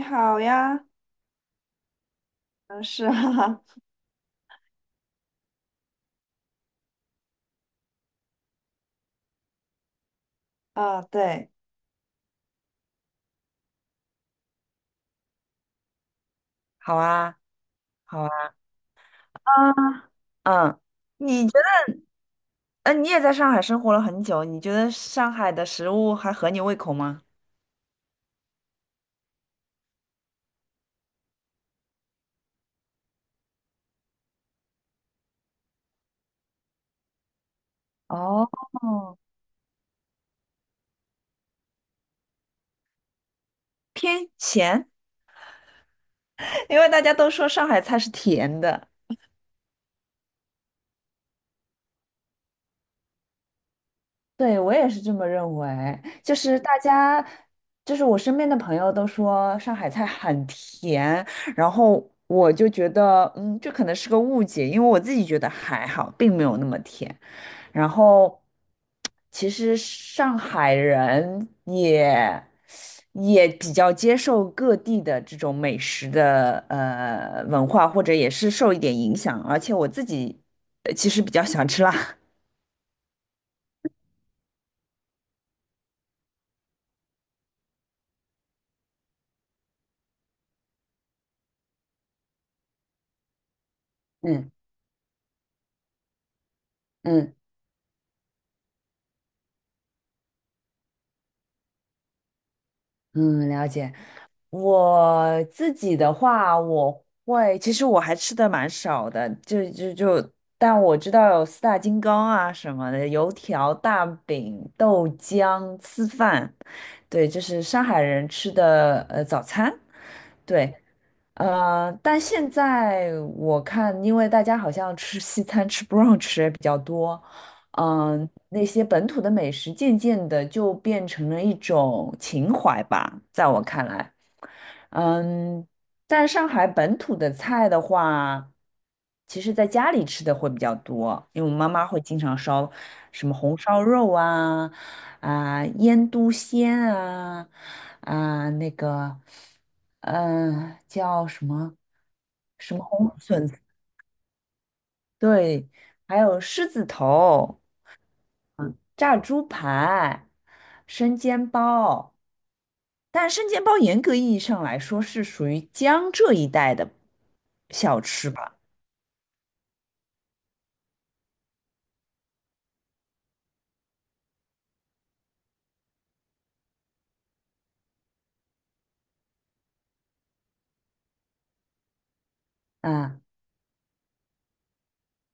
你好呀。嗯，是啊。啊，对。好啊，好啊。啊嗯。你觉得，嗯你也在上海生活了很久，你觉得上海的食物还合你胃口吗？哦，偏咸。因为大家都说上海菜是甜的。对，我也是这么认为，就是大家，就是我身边的朋友都说上海菜很甜。然后我就觉得，这可能是个误解，因为我自己觉得还好，并没有那么甜。然后，其实上海人也比较接受各地的这种美食的文化，或者也是受一点影响，而且我自己其实比较喜欢吃辣。嗯嗯。嗯，了解。我自己的话，其实我还吃的蛮少的，就就就，但我知道有四大金刚啊什么的，油条、大饼、豆浆、吃饭，对，就是上海人吃的早餐。对，但现在我看，因为大家好像吃西餐、吃 brunch 也比较多，那些本土的美食渐渐的就变成了一种情怀吧，在我看来。嗯，但上海本土的菜的话，其实在家里吃的会比较多，因为我妈妈会经常烧什么红烧肉啊，啊、腌笃鲜啊。啊、那个，叫什么什么红笋子。对，还有狮子头、炸猪排、生煎包。但生煎包严格意义上来说是属于江浙一带的小吃吧？啊、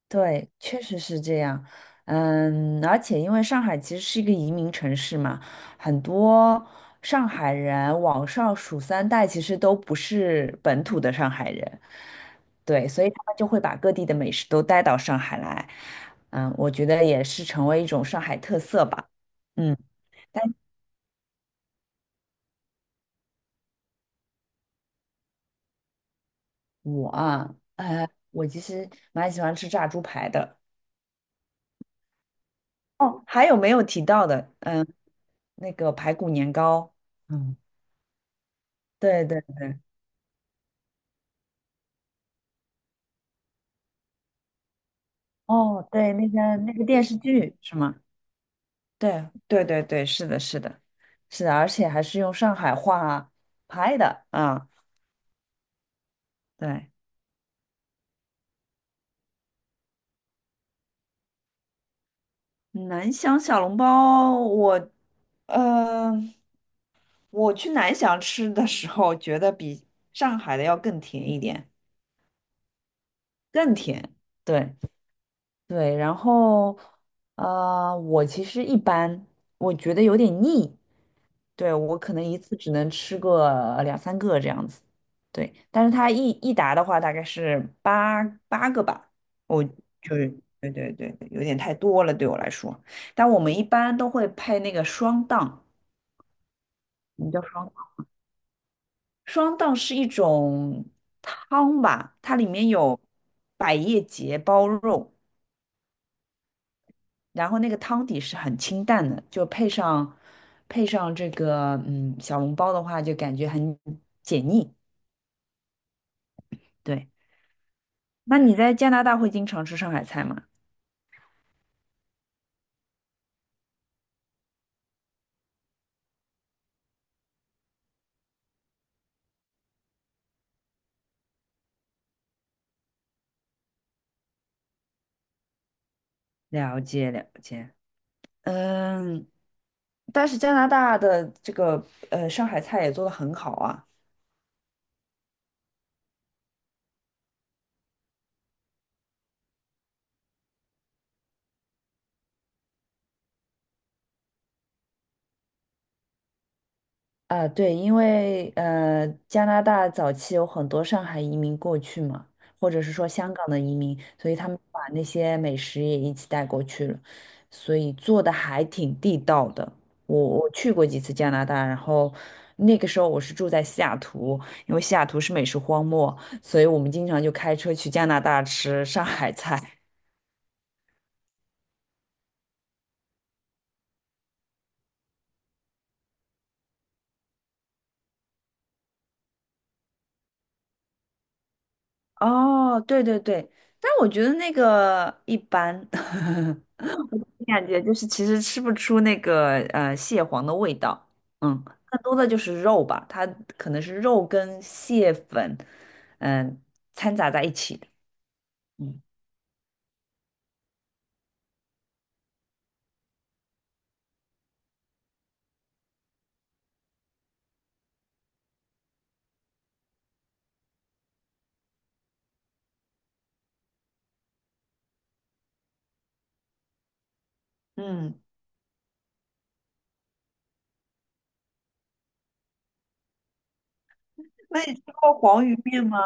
对，确实是这样。嗯，而且因为上海其实是一个移民城市嘛，很多上海人往上数三代，其实都不是本土的上海人。对，所以他们就会把各地的美食都带到上海来。嗯，我觉得也是成为一种上海特色吧。嗯，我啊，呃，我其实蛮喜欢吃炸猪排的。哦，还有没有提到的？嗯，那个排骨年糕。嗯，对对。对。哦，对，那个电视剧是吗？对对对对，是的，是的，是的，而且还是用上海话拍的啊。对，南翔小笼包。呃，我去南翔吃的时候，觉得比上海的要更甜一点。更甜。对对。然后，我其实一般，我觉得有点腻。对，我可能一次只能吃个两三个这样子。对。但是它一打的话，大概是八个吧。我就是对对对，对有点太多了对我来说。但我们一般都会配那个双档。什么叫双档？双档是一种汤吧，它里面有百叶结包肉，然后那个汤底是很清淡的，就配上这个小笼包的话，就感觉很解腻。对。那你在加拿大会经常吃上海菜吗？了解了解。嗯，但是加拿大的这个上海菜也做的很好啊。啊，对，因为加拿大早期有很多上海移民过去嘛，或者是说香港的移民，所以他们把那些美食也一起带过去了，所以做的还挺地道的。我去过几次加拿大，然后那个时候我是住在西雅图，因为西雅图是美食荒漠，所以我们经常就开车去加拿大吃上海菜。哦，对对对，但我觉得那个一般。感觉就是其实吃不出那个蟹黄的味道。嗯，更多的就是肉吧，它可能是肉跟蟹粉，嗯、掺杂在一起的嗯，嗯，那你吃过黄鱼面吗？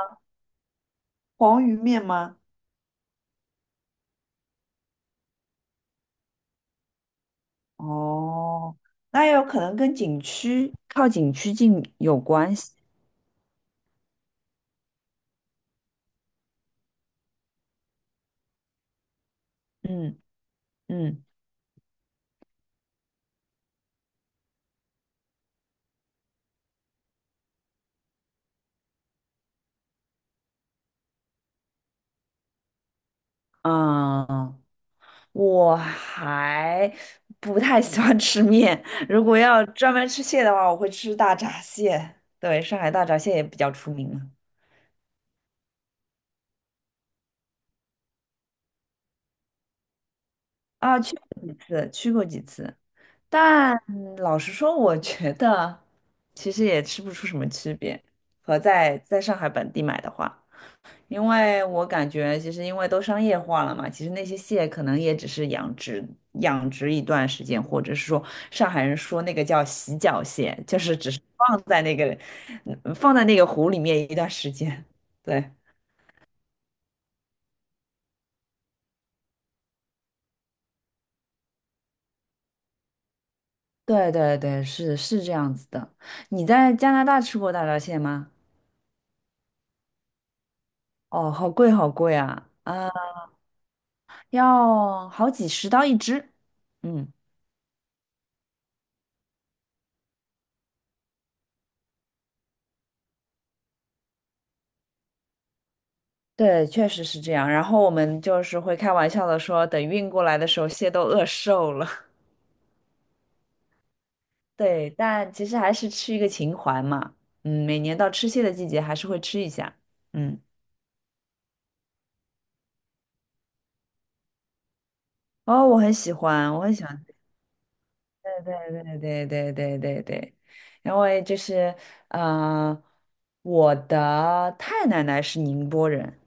黄鱼面吗？哦，那也有可能跟景区靠景区近有关系。嗯嗯。嗯、我还不太喜欢吃面。如果要专门吃蟹的话，我会吃大闸蟹。对，上海大闸蟹也比较出名嘛。啊，去过几次，去过几次。但老实说，我觉得其实也吃不出什么区别，和在上海本地买的话。因为我感觉，其实因为都商业化了嘛，其实那些蟹可能也只是养殖养殖一段时间，或者是说上海人说那个叫洗脚蟹，就是只是放在那个湖里面一段时间。对，对对对，是这样子的。你在加拿大吃过大闸蟹吗？哦，好贵好贵啊！啊，要好几十刀一只。嗯。对，确实是这样。然后我们就是会开玩笑的说，等运过来的时候，蟹都饿瘦了。对，但其实还是吃一个情怀嘛。嗯，每年到吃蟹的季节，还是会吃一下。嗯。哦，我很喜欢，我很喜欢。对对对对对对对，因为就是呃，我的太奶奶是宁波人。嗯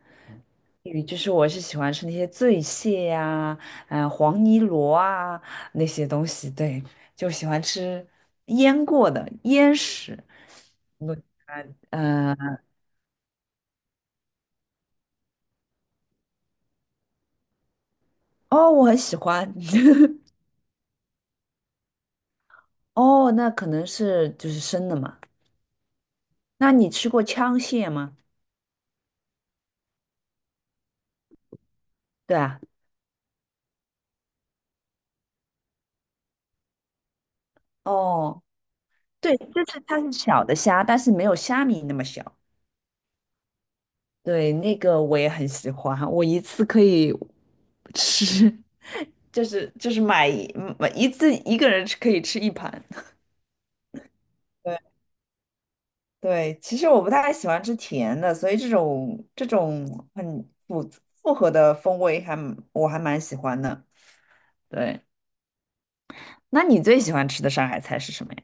与就是我是喜欢吃那些醉蟹呀、黄泥螺啊那些东西，对，就喜欢吃腌过的腌食。我呃，哦，我很喜欢。哦，那可能是就是生的嘛。那你吃过枪蟹吗？对啊。哦。对，就是它是小的虾，但是没有虾米那么小。对，那个我也很喜欢，我一次可以吃，就是买一次一个人吃可以吃一盘。对对，其实我不太喜欢吃甜的，所以这种很复合的风味我还蛮喜欢的。对，那你最喜欢吃的上海菜是什么呀？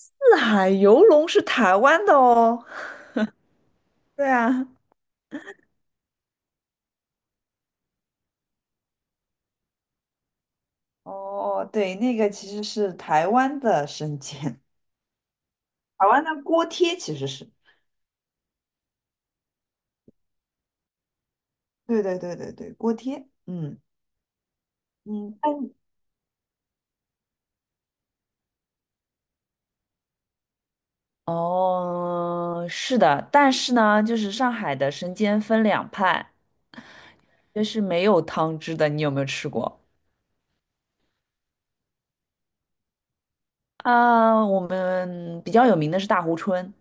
四海游龙是台湾的哦。对啊。哦，对，那个其实是台湾的生煎。台湾的锅贴其实是，对对对对对，锅贴。嗯嗯，哦，是的，但是呢，就是上海的生煎分两派，就是没有汤汁的，你有没有吃过？啊、我们比较有名的是大湖春。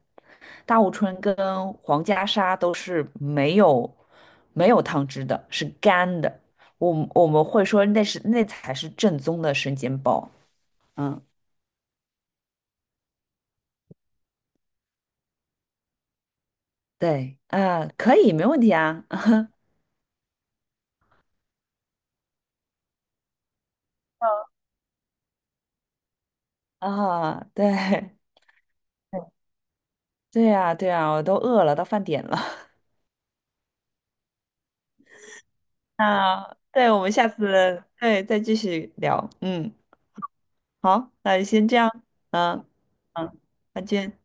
大湖春跟黄家沙都是没有汤汁的，是干的。我们会说那才是正宗的生煎包。嗯，对啊、可以，没问题啊。啊，对。对呀，对呀，我都饿了，到饭点了。那对，我们下次对再继续聊。嗯，好，那就先这样。嗯嗯，再见。